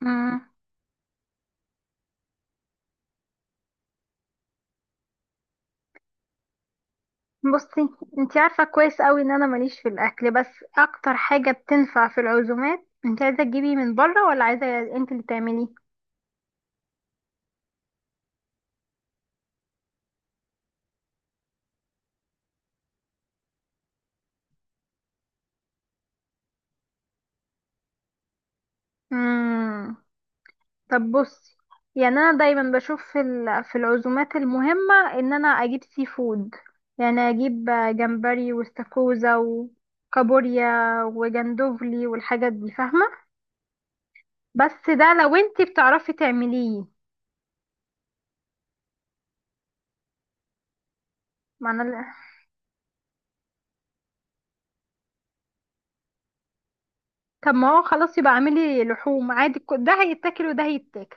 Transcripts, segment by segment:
مم. بصي، انتي عارفة كويس قوي ان انا ماليش في الاكل، بس اكتر حاجة بتنفع في العزومات، انتي عايزة تجيبي من بره ولا عايزة انتي اللي تعمليه؟ مم. طب بصي، يعني انا دايما بشوف في في العزومات المهمة ان انا اجيب سي فود. يعني اجيب جمبري واستاكوزا وكابوريا وجندوفلي والحاجات دي، فاهمة؟ بس ده لو انتي بتعرفي تعمليه. معنى. طب ما هو خلاص يبقى اعملي لحوم عادي، ده هيتاكل وده هيتاكل.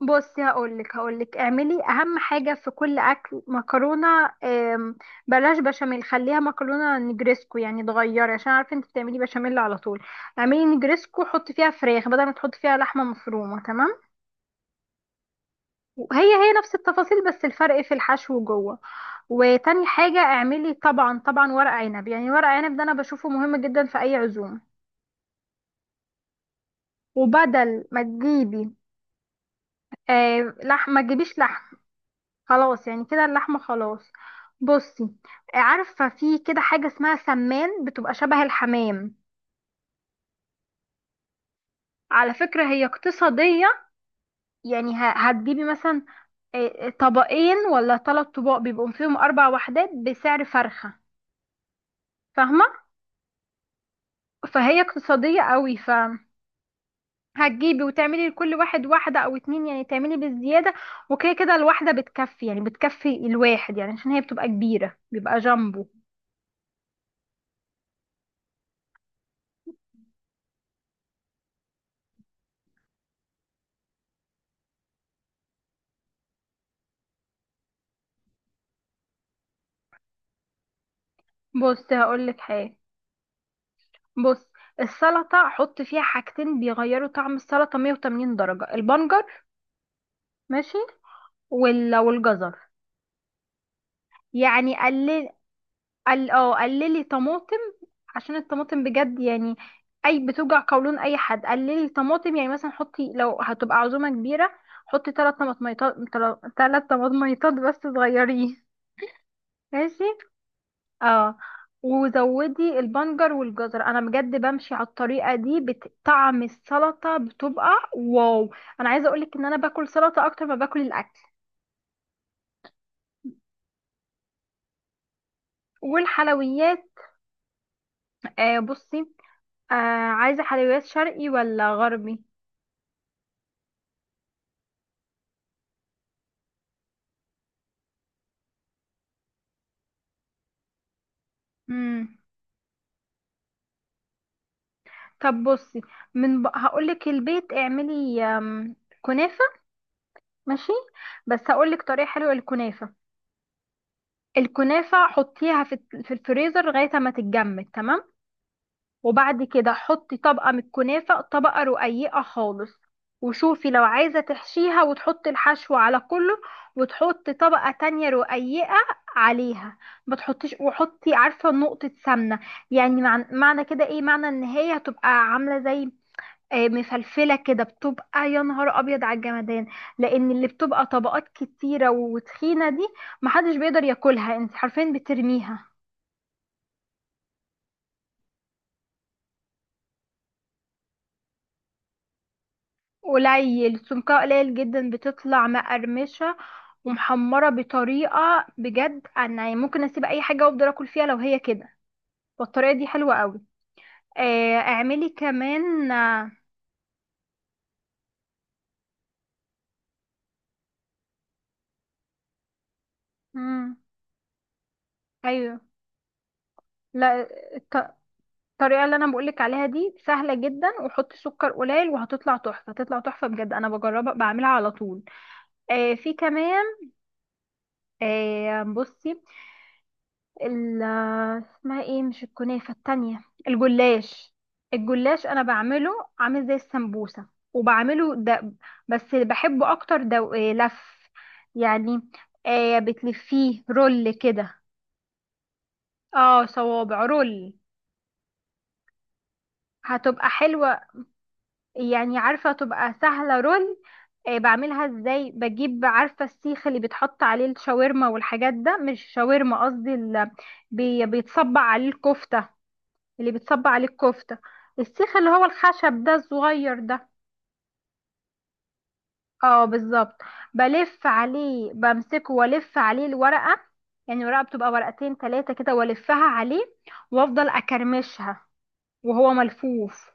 فبصي هقولك اعملي اهم حاجة في كل اكل مكرونة. آم، بلاش بشاميل، خليها مكرونة نجريسكو، يعني تغيري عشان عارفة انت بتعملي بشاميل على طول. اعملي نجريسكو، حطي فيها فراخ بدل ما تحطي فيها لحمة مفرومة، تمام؟ وهي هي نفس التفاصيل بس الفرق في الحشو جوه. وتاني حاجة اعملي طبعا طبعا ورق عنب، يعني ورق عنب ده انا بشوفه مهم جدا في اي عزومة. وبدل ما تجيبي لحم، ما تجيبيش لحم، خلاص، يعني كده اللحمة خلاص. بصي، عارفة في كده حاجة اسمها سمان، بتبقى شبه الحمام. على فكرة هي اقتصادية، يعني هتجيبي مثلا طبقين ولا ثلاث طباق، بيبقوا فيهم أربع وحدات بسعر فرخة، فاهمة؟ فهي اقتصادية قوي، ف هتجيبي وتعملي لكل واحد واحدة أو اتنين، يعني تعملي بالزيادة، وكده كده الواحدة بتكفي، يعني بتكفي الواحد، يعني عشان هي بتبقى كبيرة، بيبقى جامبو. بصي هقولك حاجة. بص، السلطة حط فيها حاجتين بيغيروا طعم السلطة 180 درجة، البنجر، ماشي، والجزر. يعني قلل قل اه قللي طماطم، عشان الطماطم بجد يعني اي بتوجع قولون اي حد. قللي طماطم يعني، مثلا حطي لو هتبقى عزومة كبيرة حطي ثلاث طماطميطات، ثلاث طماطميطات بس صغيرين، ماشي؟ اه، وزودي البنجر والجزر، انا بجد بمشي على الطريقه دي، طعم السلطه بتبقى واو. انا عايزه اقولك ان انا باكل سلطه اكتر ما باكل الاكل. والحلويات، بصي، آه عايزه حلويات شرقي ولا غربي؟ مم. طب بصي، هقولك، البيت اعملي كنافه، ماشي؟ بس هقولك طريقه حلوه للكنافه. الكنافه حطيها في في الفريزر لغايه ما تتجمد، تمام. وبعد كده حطي طبقة من الكنافة، طبقة رقيقة خالص. وشوفي لو عايزة تحشيها وتحطي الحشو على كله، وتحطي طبقة تانية رقيقة عليها. ما تحطيش وحطي، عارفة، نقطة سمنة. يعني معنى كده ايه؟ معنى ان هي هتبقى عاملة زي مفلفلة كده، بتبقى يا نهار ابيض على الجمدان، لان اللي بتبقى طبقات كتيرة وتخينة دي، محدش بيقدر ياكلها، انت حرفيا بترميها. قليل، سمكها قليل جدا، بتطلع مقرمشة ومحمرة بطريقة بجد، انا يعني ممكن اسيب اي حاجة وافضل اكل فيها لو هي كده. والطريقة دي حلوة قوي. اعملي كمان مم، ايوه. لا، الط- الطريقة اللي انا بقولك عليها دي سهلة جدا، وحطي سكر قليل وهتطلع تحفة، تطلع تحفة بجد، انا بجربها بعملها على طول. في كمان بصي، ال اسمها ايه؟ مش الكنافة التانية، الجلاش. الجلاش انا بعمله عامل زي السمبوسة، وبعمله ده، بس بحبه اكتر، ده إيه، لف يعني، بتلفيه رول كده. اه، صوابع رول، هتبقى حلوة. يعني عارفة تبقى سهلة، رول. بعملها ازاي؟ بجيب، عارفة، السيخ اللي بيتحط عليه الشاورما والحاجات، ده مش شاورما، قصدي بيتصبع عليه الكفتة، اللي بتصب عليه الكفتة، السيخ اللي هو الخشب ده الصغير ده، اه بالظبط. بلف عليه، بمسكه والف عليه الورقة، يعني الورقة بتبقى ورقتين تلاتة كده، والفها عليه وافضل اكرمشها وهو ملفوف،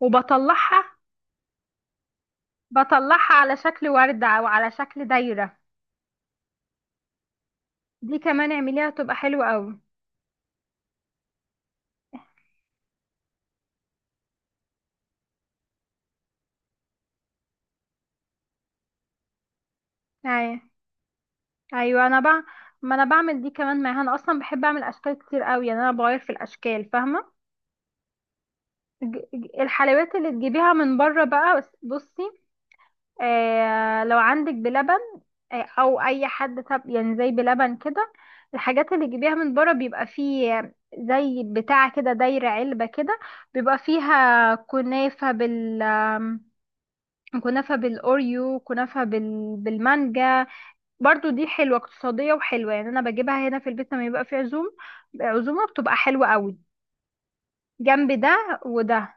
وبطلعها، بطلعها على شكل وردة او على شكل دايرة. دي كمان اعمليها تبقى حلوة قوي. ايوه، ايوه، انا بقى ما انا بعمل دي كمان معاها، انا اصلا بحب اعمل اشكال كتير قوي، يعني انا بغير في الاشكال، فاهمة؟ الحلويات اللي تجيبيها من بره بقى، بصي، لو عندك بلبن او اي حد، طب يعني زي بلبن كده، الحاجات اللي تجيبيها من بره بيبقى فيه زي بتاع كده، دايرة علبة كده، بيبقى فيها كنافة بال آم، كنافة بالأوريو، كنافة بالمانجا. برضو دي حلوة اقتصادية وحلوة، يعني أنا بجيبها هنا في البيت لما يبقى في عزومة، بتبقى حلوة قوي جنب ده وده.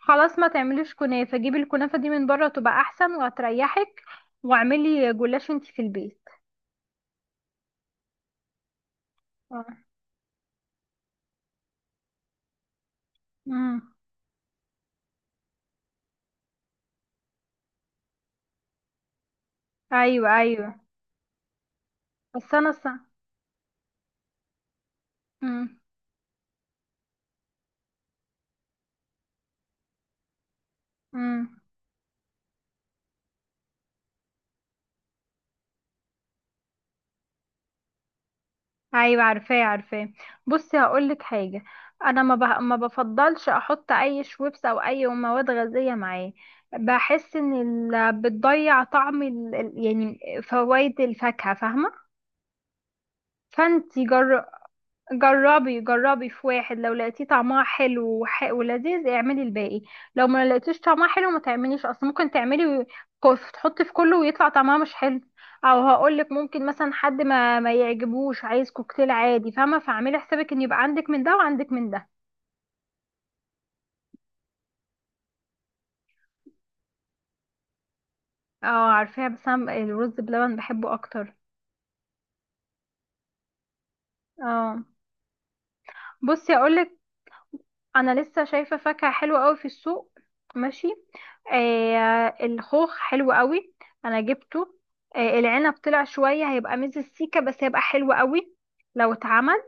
خلاص، ما تعمليش كنافة، جيبي الكنافة دي من بره، تبقى احسن وهتريحك، واعملي جلاش انتي في البيت. آه. امم، ايوه، ايوه، بس انا امم. امم، ايوه، عارفاه، عارفاه. بصي هقولك حاجة. انا ما بفضلش احط اي شويبس او اي مواد غازية معاه، بحس ان بتضيع طعم يعني فوائد الفاكهة، فاهمة؟ فانتي جربي في واحد، لو لقيتيه طعمها حلو ولذيذ، اعملي الباقي. لو ما لقيتيش طعمها حلو ما تعمليش، اصل ممكن تعملي تحطي في كله ويطلع طعمها مش حلو. او هقولك ممكن مثلا حد ما يعجبوش، عايز كوكتيل عادي، فاهمه؟ فاعملي حسابك ان يبقى عندك من ده وعندك من ده. اه عارفاها. بس انا الرز بلبن بحبه اكتر. اه بصي اقولك، انا لسه شايفه فاكهه حلوه قوي في السوق، ماشي. الخوخ حلو قوي، انا جبته. العنب طلع شويه هيبقى ميز السيكه، بس هيبقى حلو قوي لو اتعمل.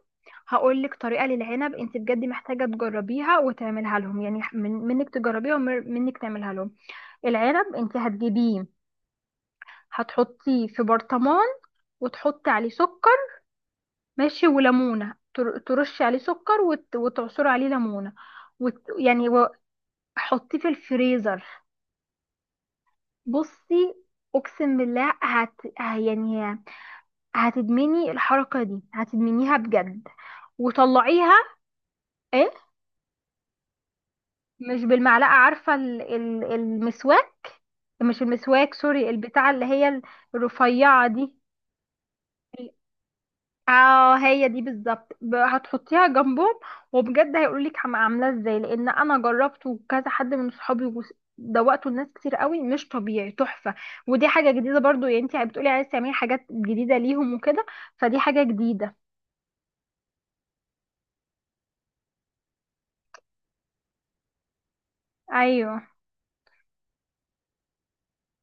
هقول لك طريقه للعنب، انت بجد محتاجه تجربيها وتعملها لهم، يعني من منك تجربيها ومنك تعملها لهم. العنب انت هتجيبيه، هتحطيه في برطمان وتحطي عليه سكر، ماشي، وليمونه، ترشي عليه سكر وتعصري عليه ليمونه، يعني، حطيه في الفريزر. بصي، اقسم بالله يعني هتدمني الحركه دي، هتدمنيها بجد. وطلعيها. ايه؟ مش بالمعلقه، عارفه المسواك، مش المسواك، سوري، البتاعه اللي هي الرفيعه دي، اه هي دي بالظبط. هتحطيها جنبهم. وبجد هيقولولك عاملاه ازاي، لان انا جربته وكذا حد من صحابي دوقته لناس كتير قوي، مش طبيعي، تحفه. ودي حاجه جديده برضو، يعني انت بتقولي عايزه تعملي حاجات جديده ليهم وكده، فدي حاجه جديده. ايوه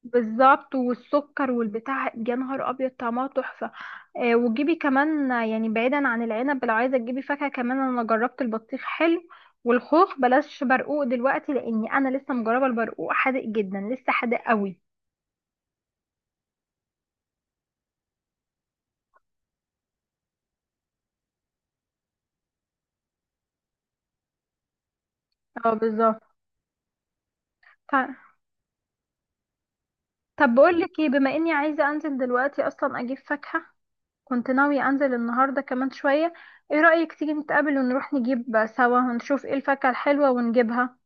بالظبط، والسكر والبتاع يا نهار ابيض، طعمها تحفه. وتجيبي كمان يعني بعيدا عن العنب، لو عايزه تجيبي فاكهه كمان، انا جربت البطيخ حلو، والخوخ بلاش برقوق دلوقتي لاني انا لسه مجربه البرقوق حادق جدا، لسه حادق قوي. اه بالظبط. ط- طب بقول لك ايه، بما اني عايزه انزل دلوقتي اصلا اجيب فاكهه، كنت ناويه انزل النهارده كمان شويه. ايه رايك تيجي نتقابل ونروح نجيب سوا ونشوف ايه الفاكهه الحلوه ونجيبها؟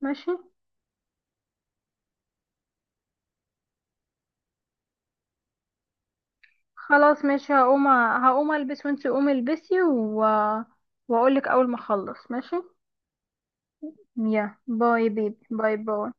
ماشي. خلاص ماشي، هقوم البس وانتي قومي البسي واقول لك اول ما اخلص، ماشي؟ يا باي بيبي، باي باي.